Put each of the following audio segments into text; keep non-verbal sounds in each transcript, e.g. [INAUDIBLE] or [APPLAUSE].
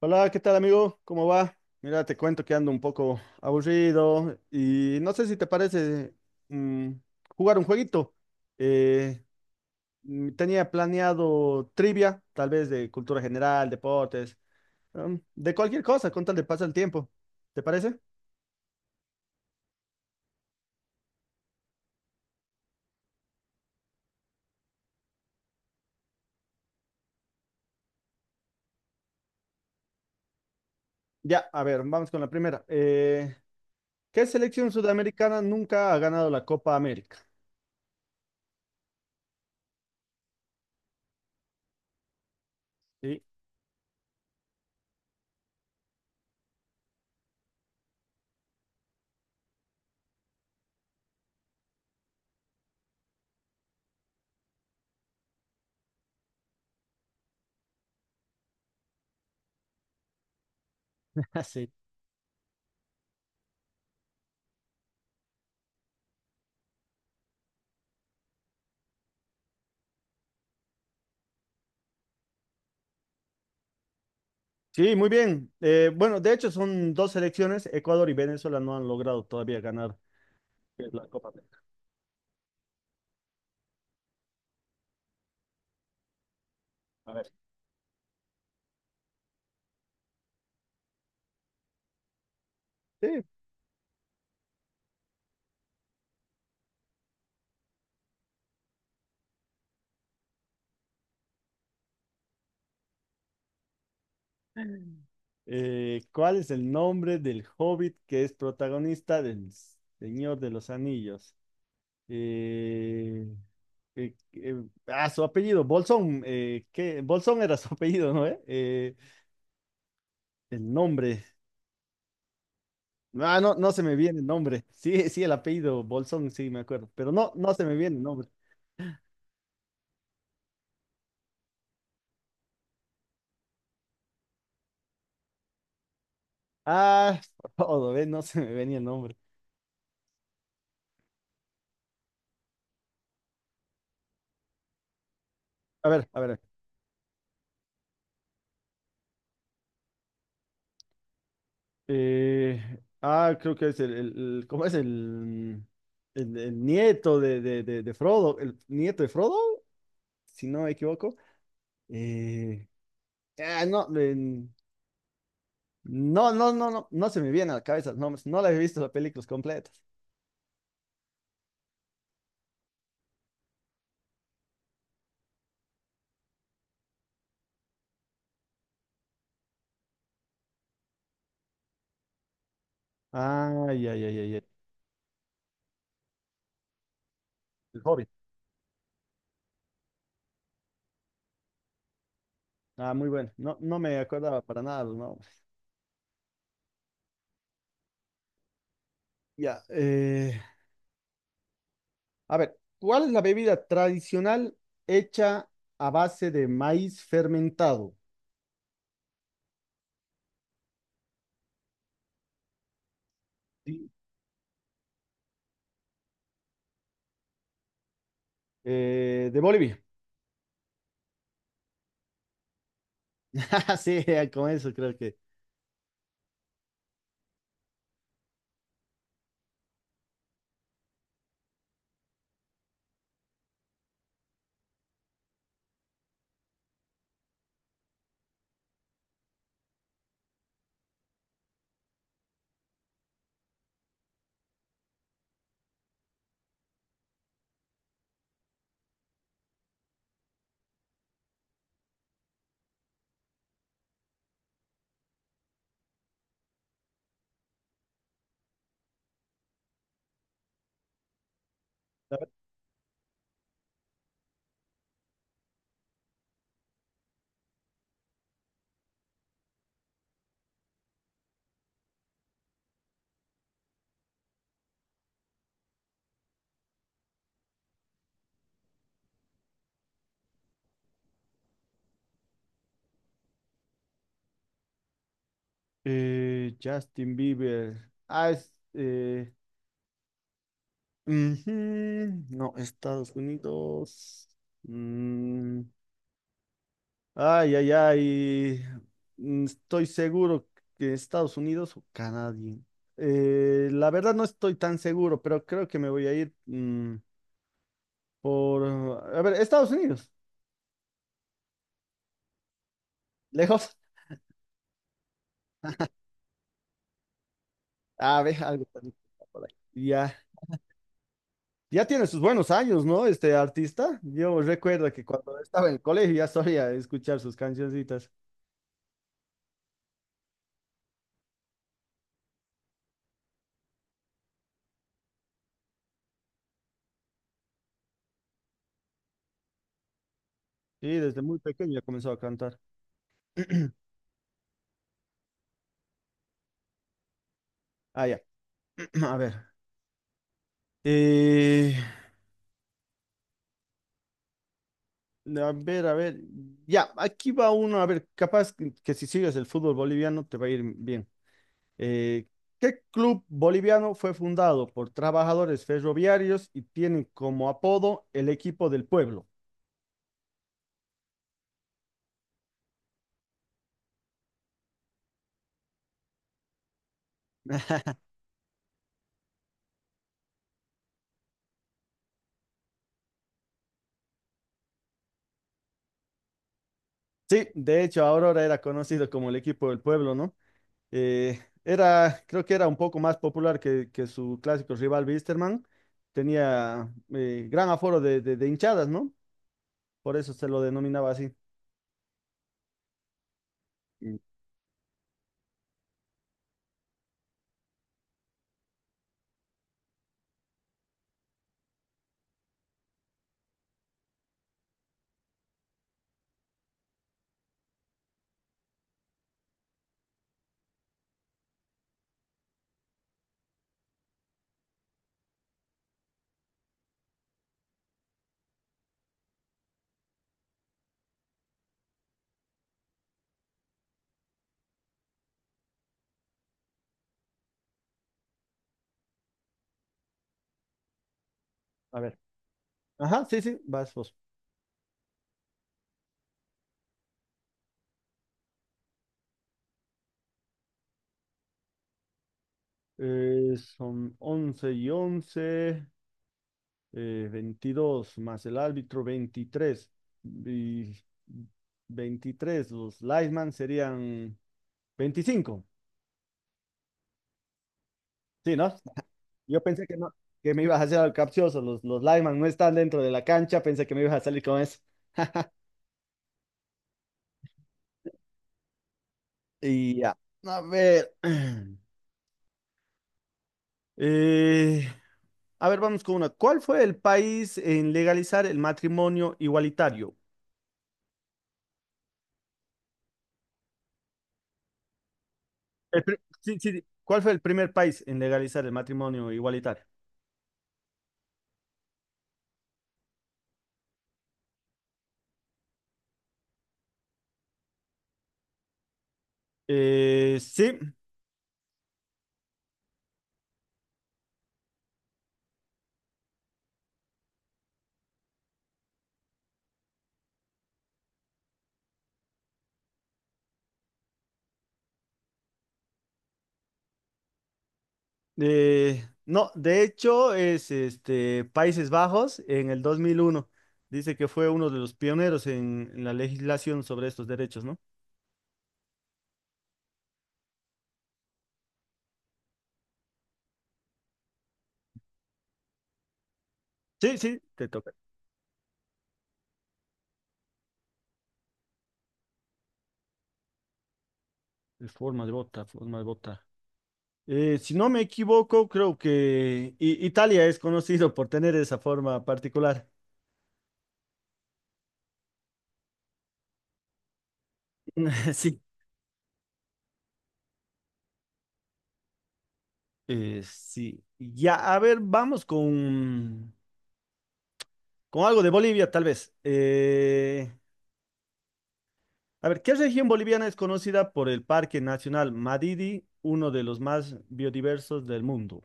Hola, ¿qué tal amigo? ¿Cómo va? Mira, te cuento que ando un poco aburrido y no sé si te parece mm, jugar un jueguito. Eh, Tenía planeado trivia, tal vez de cultura general, deportes, de cualquier cosa, con tal de pasar el tiempo. ¿Te parece? Ya, a ver, vamos con la primera. ¿Qué selección sudamericana nunca ha ganado la Copa América? Sí, [LAUGHS] sí. Sí, muy bien. Bueno, de hecho son dos selecciones. Ecuador y Venezuela no han logrado todavía ganar la Copa América. A ver. Sí. ¿Cuál es el nombre del hobbit que es protagonista del Señor de los Anillos? Eh, Su apellido, Bolsón. ¿Qué? Bolsón era su [LAUGHS] apellido, ¿no? El nombre. Ah, no, no se me viene el nombre. Sí, sí, el apellido Bolsón, sí, me acuerdo. Pero no, no se me viene el nombre. Ah, [LAUGHS] todo, ¿ves? No se me venía el nombre. A ver, a ver. eh, Creo que es ¿cómo es el nieto de Frodo? El nieto de Frodo, si no me equivoco. Eh, no, no, no, no, no, no se me viene a la cabeza. No, no la he visto las películas completas. Ay, ay, ay, ay, ay. El Hobbit. Ah, muy bueno. No, no me acordaba para nada los nombres. Ya. A ver, ¿cuál es la bebida tradicional hecha a base de maíz fermentado? Sí. De Bolivia. [LAUGHS] Sí, con eso creo que. Justin Bieber. Ah, es. Ujú. No, Estados Unidos. Mm, ay, ay, ay. Estoy seguro que Estados Unidos o Canadá. La verdad no estoy tan seguro, pero creo que me voy a ir por. A ver, Estados Unidos. ¿Lejos? A ver, algo también por ahí. Ya. Ya tiene sus buenos años, ¿no? Este artista. Yo recuerdo que cuando estaba en el colegio ya solía escuchar sus cancioncitas. Sí, desde muy pequeño ya comenzó a cantar. [CLEARS THROAT] Ah, ya. [CLEARS THROAT] A ver. Eh, a ver, a ver. Ya, aquí va uno. A ver, capaz que si sigues el fútbol boliviano te va a ir bien. Eh, ¿Qué club boliviano fue fundado por trabajadores ferroviarios y tiene como apodo el equipo del pueblo? [LAUGHS] Sí, de hecho, Aurora era conocido como el equipo del pueblo, ¿no? Creo que era un poco más popular que su clásico rival Wisterman. Tenía gran aforo de hinchadas, ¿no? Por eso se lo denominaba así. Mm. A ver. Ajá, sí, sí, vas vos. Son 11 y 11 22 más el árbitro, 23. Y 23 los linesmen serían 25. Sí, ¿no? Yo pensé que no, que me ibas a hacer al capcioso. Los linemen no están dentro de la cancha. Pensé que me ibas a salir con eso. Y ya. A ver. [CLEARS THROAT] eh, a ver, vamos con una. ¿Cuál fue el país en legalizar el matrimonio igualitario? Sí, sí, sí. ¿Cuál fue el primer país en legalizar el matrimonio igualitario? Sí. No, de hecho es este, Países Bajos en el 2001. Dice que fue uno de los pioneros en la legislación sobre estos derechos, ¿no? Sí, sí, te toca. Es forma de bota, forma de bota. Si no me equivoco, creo que Italia es conocido por tener esa forma particular. [LAUGHS] Sí. Sí. Ya, a ver, vamos con algo de Bolivia, tal vez. A ver, ¿qué región boliviana es conocida por el Parque Nacional Madidi, uno de los más biodiversos del mundo?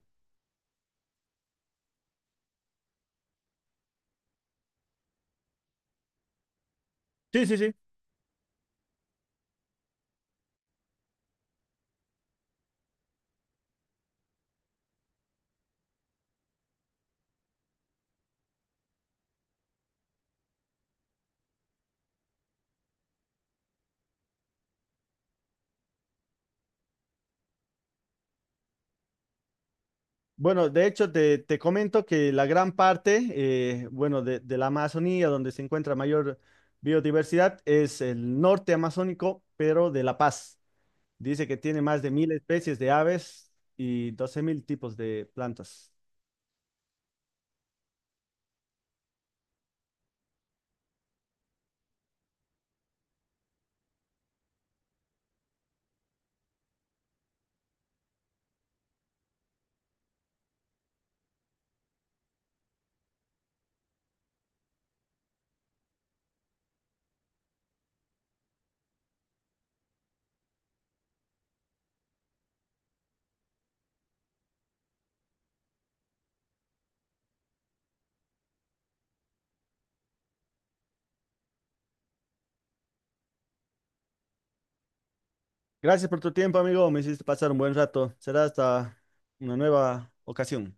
Sí, sí, sí. Bueno, de hecho, te comento que la gran parte, bueno, de la Amazonía, donde se encuentra mayor biodiversidad, es el norte amazónico, pero de La Paz. Dice que tiene más de 1000 especies de aves y 12.000 tipos de plantas. Gracias por tu tiempo, amigo. Me hiciste pasar un buen rato. Será hasta una nueva ocasión.